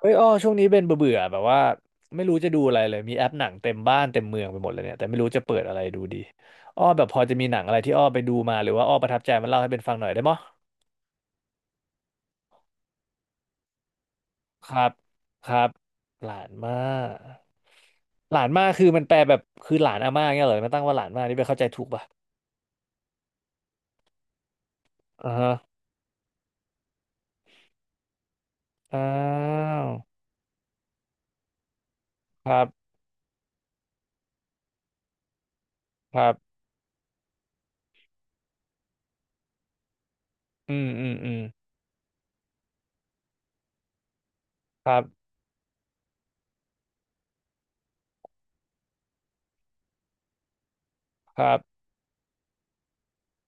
เฮ้ยอ้อช่วงนี้เป็นเบื่อๆแบบว่าไม่รู้จะดูอะไรเลยมีแอปหนังเต็มบ้านเต็มเมืองไปหมดเลยเนี่ยแต่ไม่รู้จะเปิดอะไรดูดีอ้อแบบพอจะมีหนังอะไรที่อ้อไปดูมาหรือว่าอ้อประทับใจมันเล่าให้เป็นฟังหน่อยได้มั้ยครับครับหลานมากหลานมากคือมันแปลแบบคือหลานอาม่าเงี้ยเหรอมันตั้งว่าหลานมากนี่ไปเข้าใจถูกป่ะอ่าฮะอ้าวครับครับอืมอืมอืมครับครับ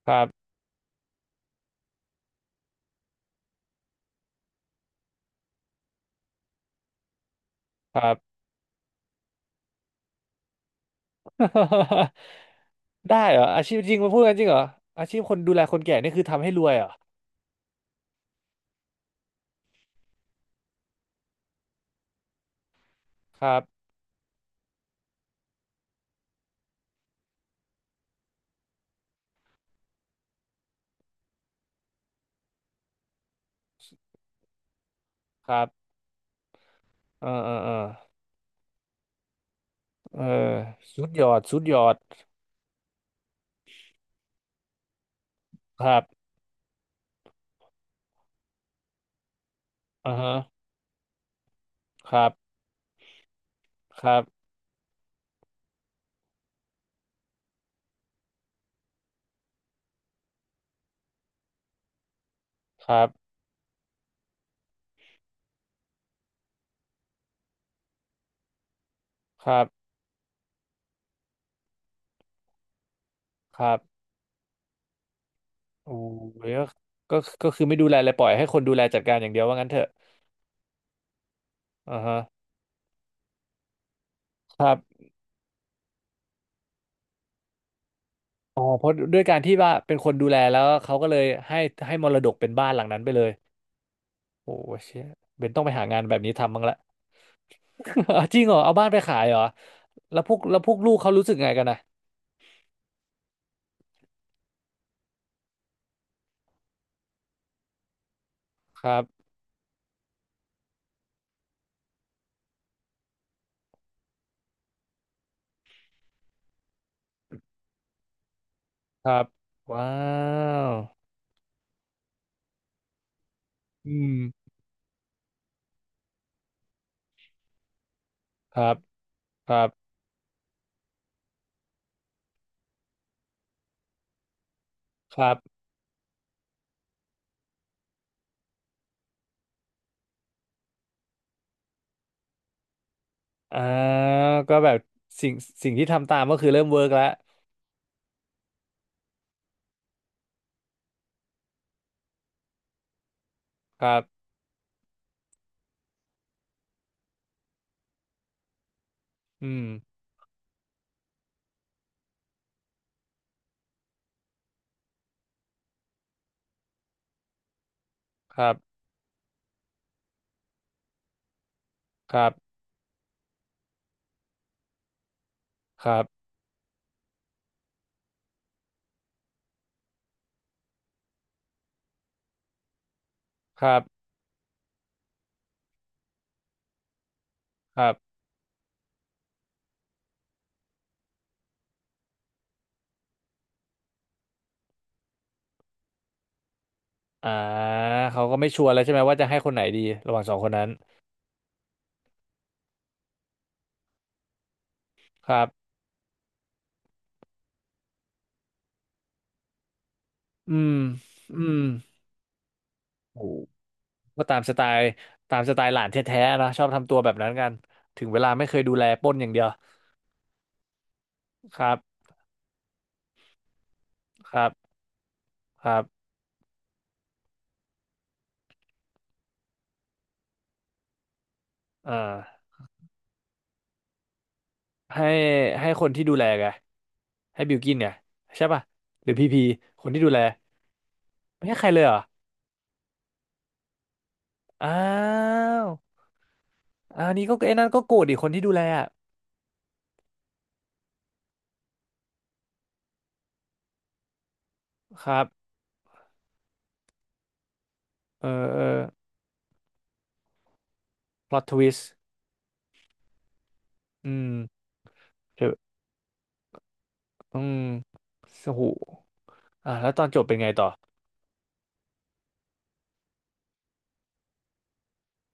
ครับครับ ได้เหรออาชีพจริงมาพูดกันจริงเหรออาชีพคนดูแลคนแก่นี่คือทำให้รวยเหรอครับครับเออเออเออเออสุดยอดสุดยอดครับอ่าฮะครับครับครับครับครับโอ้ยก็ก็คือไม่ดูแลเลยปล่อยให้คนดูแลจัดการอย่างเดียวว่างั้นเถอะอ่าฮะครับอ๋อเพราะด้วยการที่ว่าเป็นคนดูแลแล้วเขาก็เลยให้ให้มรดกเป็นบ้านหลังนั้นไปเลยโอ้เชี่ยเบนต้องไปหางานแบบนี้ทำบ้างละ จริงเหรอเอาบ้านไปขายเหรอ แล้วพวกลูกเขารู้สึกไงกันนะครับครับว้าวอืมครับครับครับอ่าก็แบบสิ่งสิ่งที่ทำตามก็คือเริ่มเวิร์กแล้วครับอืมครับครับครับครับครับอ่าเขาก็ไม่ชัวร์แล้วใช่ไหมว่าจะให้คนไหนดีระหว่างสองคนนั้นครับอืมอืมโอ้ก็ตามสไตล์ตามสไตล์หลานแท้ๆนะชอบทำตัวแบบนั้นกันถึงเวลาไม่เคยดูแลปล้นอย่างเดียวครับครับครับอ่า ให้ให้คนที่ดูแลไงให้บิลกินไงใช่ป่ะหรือพีพีคนที่ดูแลไม่ให้ใครเลยเหรออ้าวอันนี้ก็ไอ้นั่นก็โกรธอีกคนที่ดูแลอะครับเออเออพล็อตทวิสต์อืมเดี๋ยวอืมสหูอ่ะแล้วตอนจบเป็นไงต่อ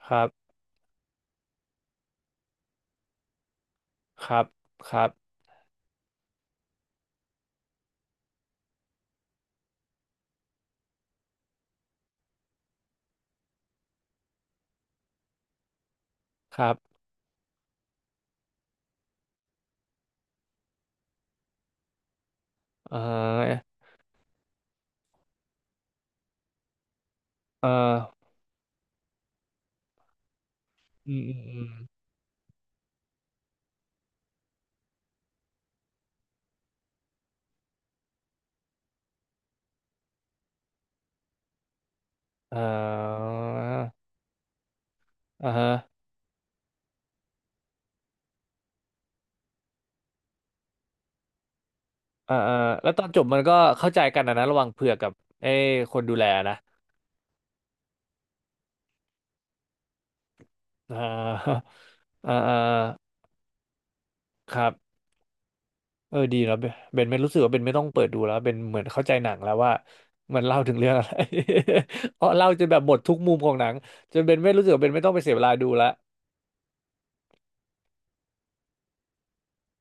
ครับครับครับครับเออเอออืมอืมอืมเอออ่าฮะอ่าอ่าแล้วตอนจบมันก็เข้าใจกันนะนะระหว่างเผือกกับไอ้คนดูแลนะ อ่า อ่าอ่าครับเออดีแล้วเบนเบนไม่รู้สึกว่าเบนไม่ต้องเปิดดูแล้วเบนเหมือนเข้าใจหนังแล้วว่า มันเล่าถึงเรื่องอะไร เพราะเล่าจนแบบหมดทุกมุมของหนัง จนเบนไม่รู้สึกว่าเบนไม่ต้องไปเสียเวลาดูละ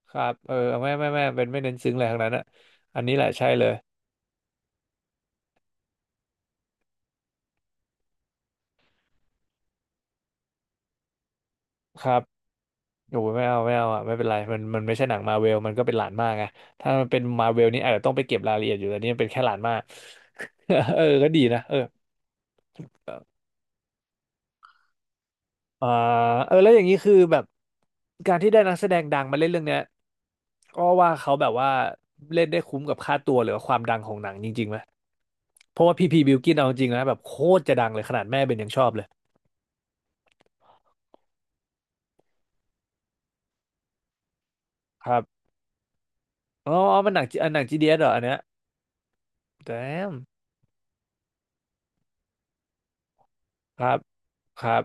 ครับเออไม่ไม่ไม่เบนไม่เน้นซึ้งอะไรทั้งนั้นอะอันนี้แหละใช่เลยครับโอ้ยไม่เอาไม่เอาอ่ะไม่เป็นไรมันมันไม่ใช่หนังมาเวล มันก็เป็นหลานมากไงถ้ามันเป็นมาเวลนี่อาจจะต้องไปเก็บรายละเอียดอยู่แต่นี่มันเป็นแค่หลานมาก เออก็ดีนะเออ อ่าเออแล้วอย่างนี้คือแบบการที่ได้นักแสดงดังมาเล่นเรื่องเนี้ยก็ว่าเขาแบบว่าเล่นได้คุ้มกับค่าตัวหรือว่าความดังของหนังจริงๆไหมเพราะว่าพีพีบิลกินเอาจริงนะแบบโคตรจะดังเลยขนาดแม่เป็นยังชอบเลยครับอ๋ออ๋อมันหนังอันหนังจีดีเอสเหรออันเนี้ยแตมครับครับ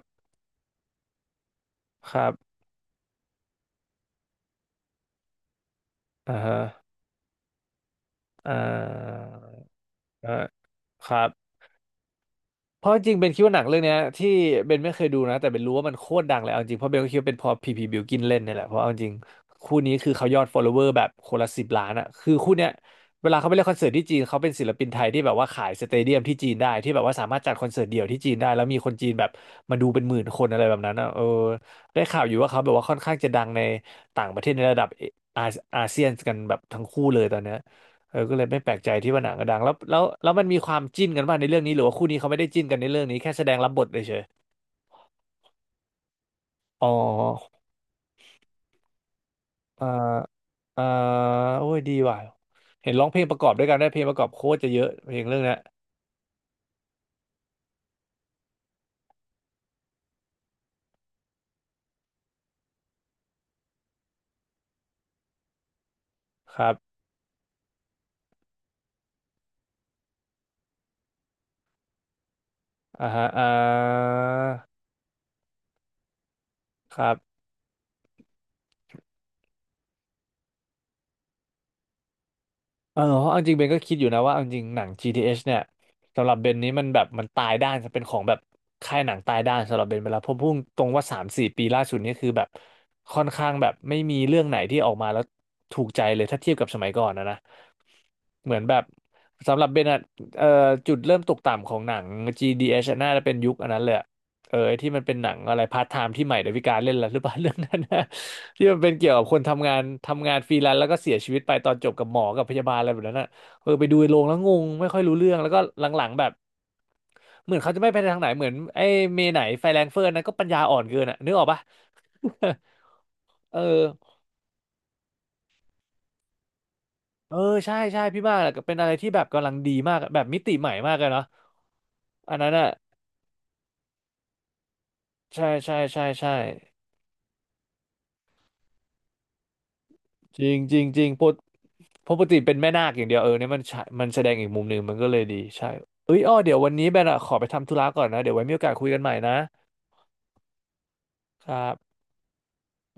ครับอ่าฮะอ่าอ่าครับ เพราะจริงๆเบนคิดว่าหนังเรื่องเนี้ยที่เบนไม่เคยดูนะแต่เบนรู้ว่ามันโคตรดังเลยเอาจริงเพราะเบนก็คิดว่าเป็นเพอพีพีบิวกินเล่นเนี่ยแหละเพราะเอาจริงคู่นี้คือเขายอด follower แบบคนละ10 ล้านอ่ะคือคู่เนี้ยเวลาเขาไปเล่นคอนเสิร์ตที่จีนเขาเป็นศิลปินไทยที่แบบว่าขายสเตเดียมที่จีนได้ที่แบบว่าสามารถจัดคอนเสิร์ตเดี่ยวที่จีนได้แล้วมีคนจีนแบบมาดูเป็นหมื่นคนอะไรแบบนั้นอ่ะเออได้ข่าวอยู่ว่าเขาแบบว่าค่อนข้างจะดังในต่างประเทศในระดับออาอาเซียนกันแบบทั้งคู่เลยตอนเนี้ย เออก็เลยไม่แปลกใจที่ว่าหนังก็ดังแล้วมันมีความจิ้นกันบ้างในเรื่องนี้หรือว่าคู่นี้เขาไม่ได้จิ้นกันในเรื่องนี้แค่แสดงรับบทเฉยๆอ๋อเอ่อเอ่อโอ้ยดีว่ะเห็นร้องเพลงประกอบด้วยกันได้เพลงประกอบโคตรจะเยอะเพลงเรื่องเนี้ยครับอ่าฮะอ่าครับ เออเพราะเอาจริงเบนก็คิดอยู่นะว่าเอาจริงหนัง GTH เอชเนี่ยสำหรับเบนนี้มันแบบมันตายด้านจะเป็นของแบบค่ายหนังตายด้านสำหรับเบนไปแล้วเพราะพุ่งตรงว่า3-4 ปีล่าสุดนี่คือแบบค่อนข้างแบบไม่มีเรื่องไหนที่ออกมาแล้วถูกใจเลยถ้าเทียบกับสมัยก่อนนะนะเหมือนแบบสำหรับเบนอะเอ่อจุดเริ่มตกต่ำของหนัง GDH อชอะน่าจะเป็นยุคอันนั้นเลย เออไอ้ที่มันเป็นหนังอะไรพาร์ทไทม์ที่ใหม่ดาวิกาเล่นแล้วหรือเปล่า เรื่องนั้นนะที่มันเป็นเกี่ยวกับคนทำงานทำงานฟรีแลนซ์แล้วก็เสียชีวิตไปตอนจบกับหมอกับพยาบาลอะไรแบบนั้นอ่ะเออไปดูในโรงแล้วงงไม่ค่อยรู้เรื่องแล้วก็หลังๆแบบเหมือนเขาจะไม่ไปทางไหนเหมือนไอ้เมไหนไฟแรงเฟิร์นนะก็ปัญญาอ่อนเกินอ่ะนึกออกปะ เออเออใช่ใช่พี่มากเป็นอะไรที่แบบกำลังดีมากอะแบบมิติใหม่มากเลยเนาะอันนั้นอ่ะใช่ใช่ใช่ใช่ จริงจริงจริงเพราะปกติเป็นแม่นาคอย่างเดียวเออเนี่ยมันใช่มันแสดงอีกมุมหนึ่งมันก็เลยดีใช่เอ้ยอ้อเดี๋ยววันนี้แบนอะขอไปทำธุระก่อนนะเดี๋ยวไว้มีโอกาสคุยกันใหม่นะครับ